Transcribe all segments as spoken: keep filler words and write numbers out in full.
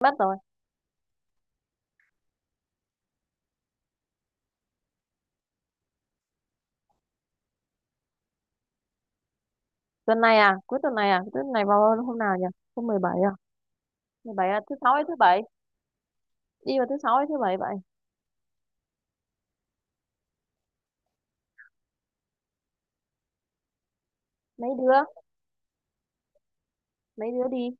Mất rồi. Tuần này à? Cuối tuần này à? Cuối Tuần này vào hôm nào nhỉ? Hôm mười bảy à? Mười bảy à? Thứ sáu hay thứ bảy? Đi vào thứ sáu hay thứ bảy vậy? Mấy đứa? Mấy đứa đi?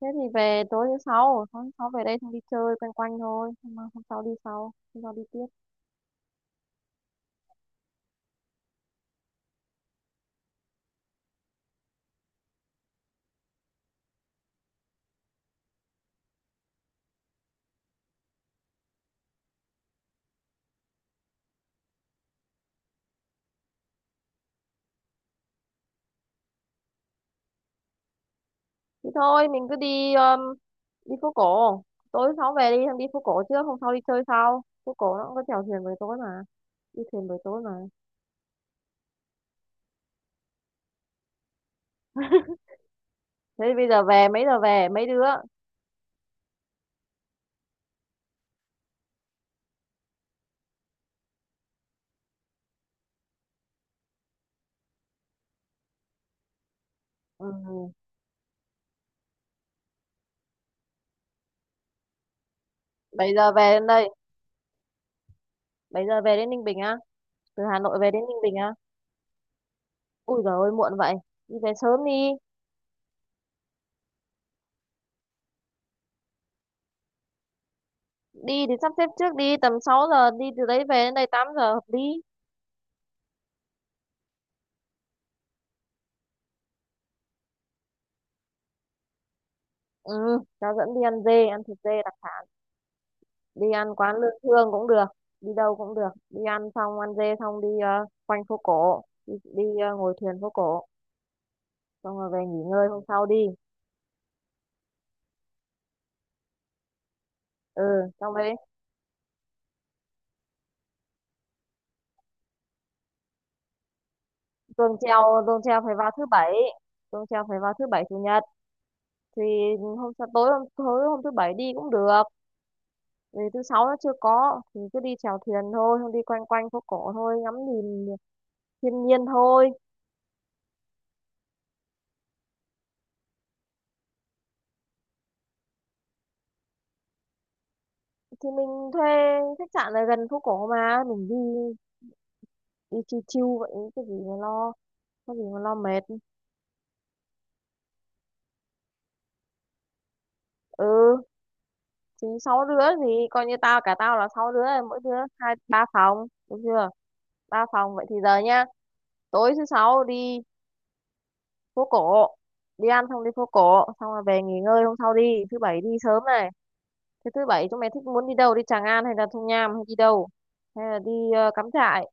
Thế thì về tối thứ sáu, hôm sáu về đây xong đi chơi quanh quanh thôi, hôm, hôm sau đi sau, hôm sau đi tiếp. Thế thôi, mình cứ đi um, đi phố cổ. Tối thứ sáu về đi, xong đi phố cổ trước, hôm sau đi chơi sau. Phố cổ nó cũng có chèo thuyền buổi tối mà, đi thuyền buổi tối mà. Thế thì bây giờ về mấy giờ về mấy đứa? Ừ. bảy giờ về đến đây, bảy giờ về đến Ninh Bình à? Từ Hà Nội về đến Ninh Bình á, ui giời ơi muộn vậy, đi về sớm đi. Đi thì sắp xếp trước đi, tầm sáu giờ đi từ đấy về đến đây tám giờ hợp lý. Ừ, cháu dẫn đi ăn dê, ăn thịt dê đặc, đi ăn quán Lương Thương cũng được, đi đâu cũng được, đi ăn xong ăn dê xong đi ờ, quanh phố cổ đi, đi ờ, ngồi thuyền phố cổ, xong rồi về nghỉ ngơi hôm sau đi. Ừ, xong đấy. Tuồng treo tuồng treo phải vào thứ bảy, tuồng treo phải vào thứ bảy chủ nhật thì hôm sau tối hôm tối hôm thứ bảy đi cũng được, vì thứ sáu nó chưa có thì cứ đi chèo thuyền thôi, không đi quanh quanh phố cổ thôi, ngắm nhìn thiên nhiên thôi. Thì mình thuê khách sạn ở gần phố cổ mà mình đi, đi chill chill vậy, cái gì mà lo, có gì mà lo mệt. Ừ, thì sáu đứa thì coi như tao cả tao là sáu đứa rồi, mỗi đứa hai ba phòng được chưa, ba phòng vậy thì giờ nhá. Tối thứ sáu đi phố cổ, đi ăn xong đi phố cổ xong rồi về nghỉ ngơi, hôm sau đi thứ bảy đi sớm này. Thế thứ bảy chúng mày thích muốn đi đâu, đi Tràng An hay là Thung Nham hay đi đâu? Hay là đi ờ, cắm trại,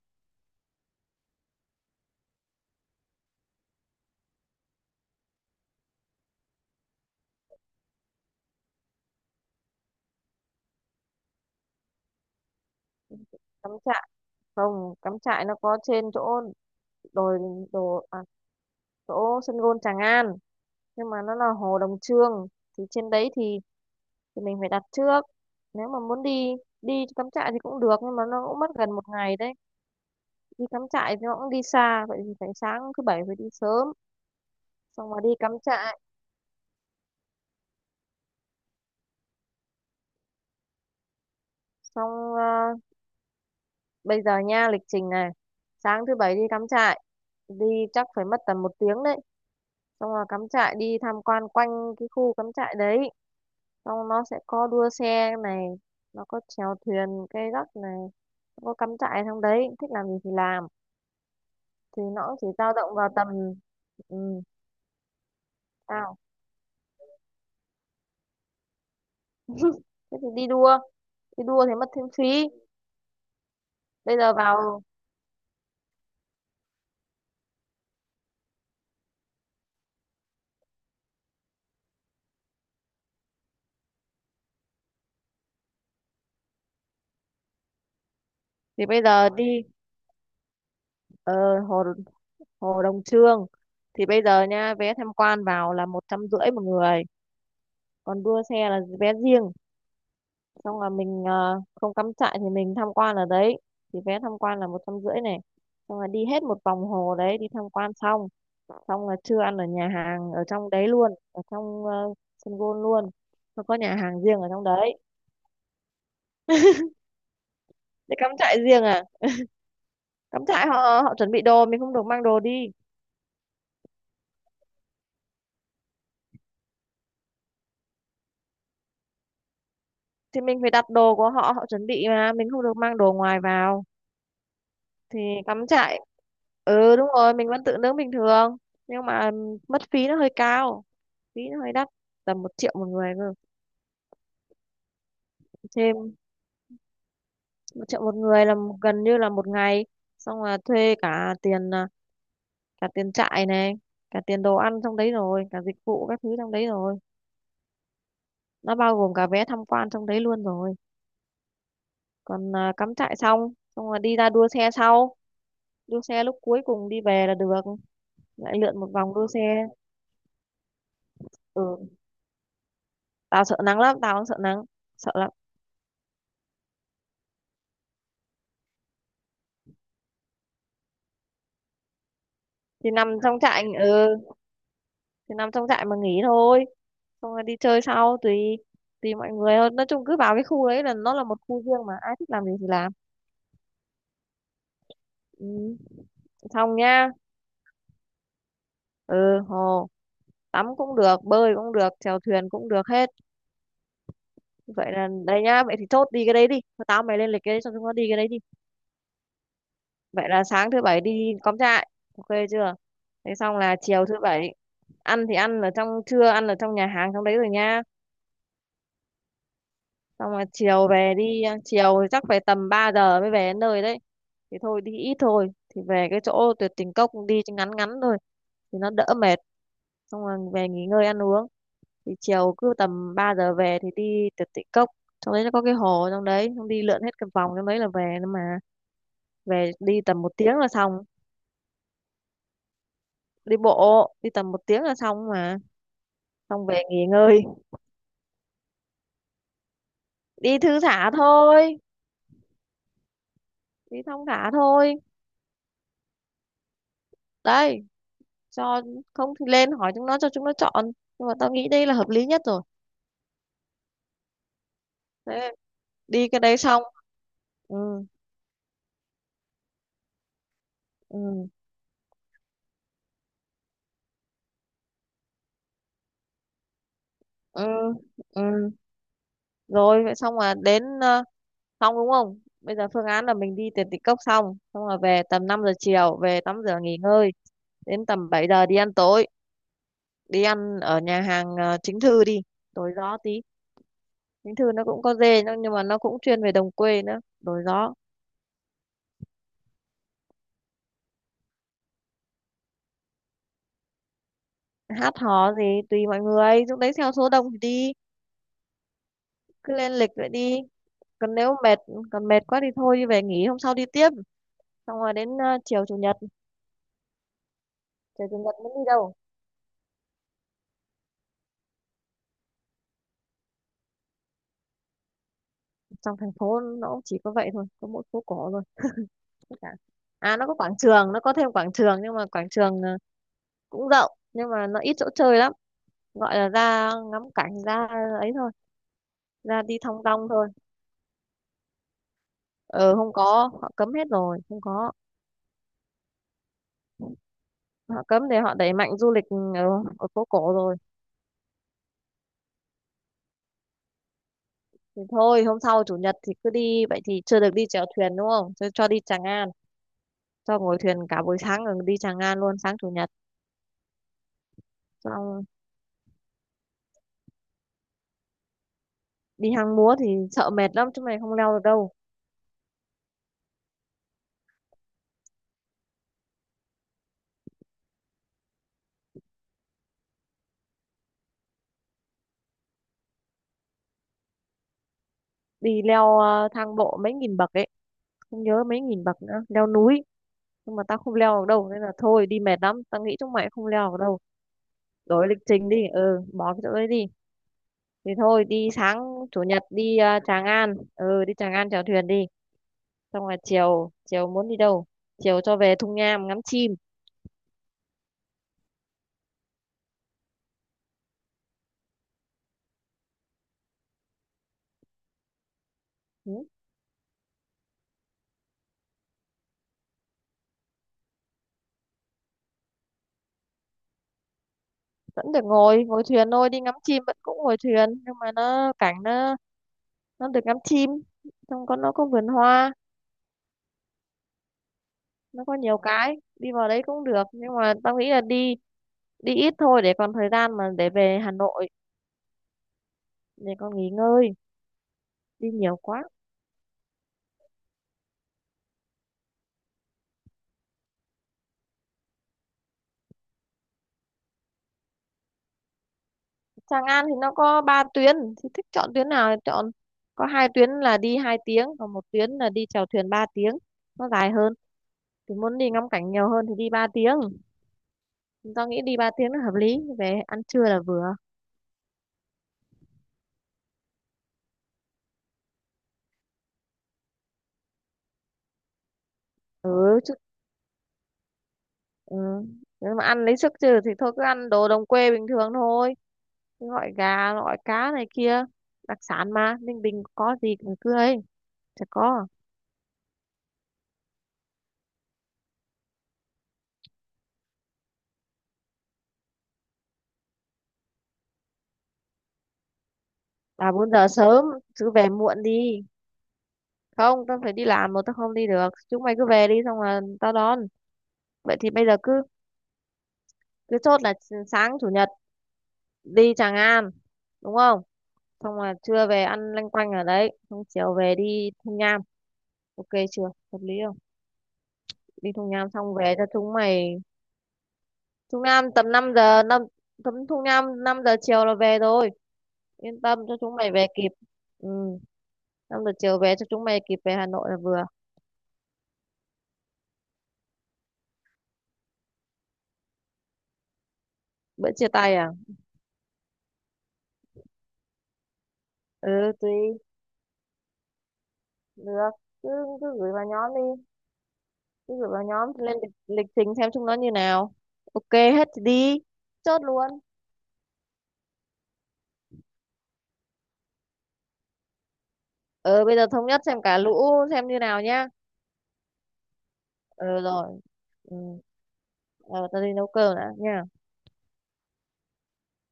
cắm trại không, cắm trại nó có trên chỗ đồi đồ à, chỗ sân gôn Tràng An nhưng mà nó là hồ Đồng Trương, thì trên đấy thì, thì mình phải đặt trước. Nếu mà muốn đi đi cắm trại thì cũng được nhưng mà nó cũng mất gần một ngày đấy. Đi cắm trại thì nó cũng đi xa vậy thì phải sáng thứ bảy phải đi sớm xong rồi đi cắm trại. xong ờ, Bây giờ nha lịch trình này: sáng thứ bảy đi cắm trại, đi chắc phải mất tầm một tiếng đấy, xong rồi cắm trại đi tham quan quanh cái khu cắm trại đấy, xong nó sẽ có đua xe này, nó có chèo thuyền cây gác này, nó có cắm trại trong đấy thích làm gì thì làm, thì nó cũng chỉ dao động vào tầm, ừ, sao thế thì đi đua, đi đua thì mất thêm phí. Bây giờ vào thì bây giờ đi ờ, hồ hồ Đồng Trương, thì bây giờ nha, vé tham quan vào là một trăm rưỡi một người, còn đua xe là vé riêng. Xong là mình ờ, không cắm trại thì mình tham quan ở đấy, thì vé tham quan là một trăm rưỡi này, xong là đi hết một vòng hồ đấy đi tham quan xong, xong là trưa ăn ở nhà hàng ở trong đấy luôn, ở trong ờ, sân golf luôn. Nó có nhà hàng riêng ở trong đấy để cắm trại riêng à. Cắm trại họ, họ chuẩn bị đồ, mình không được mang đồ đi, thì mình phải đặt đồ của họ, họ chuẩn bị mà mình không được mang đồ ngoài vào. Thì cắm trại, ừ đúng rồi mình vẫn tự nướng bình thường, nhưng mà ừ, mất phí nó hơi cao, phí nó hơi đắt, tầm một triệu một người cơ. Thêm một triệu một người là m- gần như là một ngày, xong là thuê cả tiền à, cả tiền trại này, cả tiền đồ ăn trong đấy rồi, cả dịch vụ các thứ trong đấy rồi, nó bao gồm cả vé tham quan trong đấy luôn rồi. Còn à, cắm trại xong xong là đi ra đua xe sau, đua xe lúc cuối cùng đi về là được, lại lượn một vòng đua xe. Ừ, tao sợ nắng lắm, tao không sợ nắng, sợ lắm. Thì nằm trong trại, ừ thì nằm trong trại mà nghỉ thôi, xong rồi đi chơi sau, tùy, tùy mọi người hơn, nói chung cứ vào cái khu đấy là nó là một khu riêng mà ai thích làm gì thì làm. Ừ. Xong nhá. Ừ, hồ tắm cũng được, bơi cũng được, chèo thuyền cũng được hết. Vậy là đây nhá, vậy thì chốt đi cái đấy đi. Thôi tao mày lên lịch cái đấy cho chúng nó đi cái đấy đi. Vậy là sáng thứ bảy đi cắm trại, ok chưa. Thế xong là chiều thứ bảy, ăn thì ăn ở trong, trưa ăn ở trong nhà hàng trong đấy rồi nha. Xong rồi chiều về đi, chiều thì chắc phải tầm ba giờ mới về đến nơi đấy, thì thôi đi ít thôi, thì về cái chỗ tuyệt tình cốc đi cho ngắn ngắn thôi, thì nó đỡ mệt, xong rồi về nghỉ ngơi ăn uống. Thì chiều cứ tầm ba giờ về thì đi tuyệt tình cốc, trong đấy nó có cái hồ trong đấy, xong đi lượn hết cái vòng trong đấy là về nữa mà, về đi tầm một tiếng là xong. Đi bộ đi tầm một tiếng là xong mà, xong về nghỉ ngơi, đi thư thả thôi, đi thong thả thôi đấy, cho, không thì lên hỏi chúng nó cho chúng nó chọn, nhưng mà tao nghĩ đây là hợp lý nhất rồi. Thế đi cái đấy xong, ừ, ừ, ừ, ừ rồi. Vậy xong là đến ờ, xong đúng không, bây giờ phương án là mình đi tiền tịch cốc xong xong rồi về tầm năm giờ chiều, về tắm rửa nghỉ ngơi, đến tầm bảy giờ đi ăn tối, đi ăn ở nhà hàng ờ, chính thư đi, đổi gió tí, chính thư nó cũng có dê nó- nhưng mà nó cũng chuyên về đồng quê nữa, đổi gió. Hát hò gì tùy mọi người lúc đấy, theo số đông thì đi, cứ lên lịch vậy đi. Còn nếu mệt, còn mệt quá thì thôi đi về nghỉ hôm sau đi tiếp. Xong rồi đến ờ, chiều chủ nhật, chiều chủ nhật muốn đi đâu. Trong thành phố nó cũng chỉ có vậy thôi, có mỗi phố cổ thôi, tất cả. À nó có quảng trường, nó có thêm quảng trường nhưng mà quảng trường ờ, cũng rộng nhưng mà nó ít chỗ chơi lắm, gọi là ra ngắm cảnh ra ấy thôi, ra đi thong dong thôi. Ờ không có, họ cấm hết rồi, không có. Họ cấm thì họ đẩy mạnh du lịch ở, ở phố cổ rồi. Thì thôi hôm sau chủ nhật thì cứ đi vậy, thì chưa được đi chèo thuyền đúng không, cho, cho đi Tràng An, cho ngồi thuyền cả buổi sáng rồi đi Tràng An luôn sáng chủ nhật. Xong đi hang múa thì sợ mệt lắm, chỗ này không leo được đâu, đi leo ờ, thang bộ mấy nghìn bậc ấy, không nhớ mấy nghìn bậc nữa, leo núi, nhưng mà tao không leo được đâu nên là thôi, đi mệt lắm, tao nghĩ chúng mày không leo được đâu. Đổi lịch trình đi, ừ bỏ cái chỗ đấy đi. Thì thôi đi sáng chủ nhật đi ờ, Tràng An, ừ đi Tràng An chèo thuyền đi, xong rồi chiều, chiều muốn đi đâu. Chiều cho về Thung Nham ngắm chim. Ừ, vẫn được ngồi, ngồi thuyền thôi, đi ngắm chim vẫn cũng ngồi thuyền, nhưng mà nó cảnh nó nó được ngắm chim, xong có nó có vườn hoa, nó có nhiều cái, đi vào đấy cũng được nhưng mà tao nghĩ là đi, đi ít thôi để còn thời gian mà để về Hà Nội, để con nghỉ ngơi, đi nhiều quá. Tràng An thì nó có ba tuyến, thì thích chọn tuyến nào thì chọn, có hai tuyến là đi hai tiếng còn một tuyến là đi chèo thuyền ba tiếng, nó dài hơn, thì muốn đi ngắm cảnh nhiều hơn thì đi ba tiếng, tao nghĩ đi ba tiếng là hợp lý, về ăn trưa là vừa. Ừ, chứ, ừ. Nếu mà ăn lấy sức chứ thì thôi cứ ăn đồ đồng quê bình thường thôi, gọi gà gọi cá này kia, đặc sản mà Ninh Bình có gì cũng tươi, chả có. Bà bốn giờ sớm chứ, về muộn đi, không tao phải đi làm mà, tao không đi được, chúng mày cứ về đi xong là tao đón. Vậy thì bây giờ cứ, cứ chốt là sáng chủ nhật đi Tràng An, đúng không, xong là trưa về ăn lanh quanh ở đấy, xong chiều về đi Thung Nham, ok chưa, hợp lý không. Đi Thung Nham xong về cho chúng mày, Thung Nham tầm năm giờ, năm tầm Thung Nham năm giờ chiều là về rồi, yên tâm cho chúng mày về kịp. Ừ, năm giờ chiều về cho chúng mày kịp về Hà Nội là vừa. Bữa chia tay à. Ừ, tùy. Được, cứ, cứ gửi vào nhóm đi, cứ gửi vào nhóm lên lịch, lịch trình xem chúng nó như nào, ok hết thì đi, chốt luôn. Ừ bây giờ thống nhất xem cả lũ xem như nào nhá. Ừ rồi. Ừ. Ờ tao đi nấu cơm đã nha.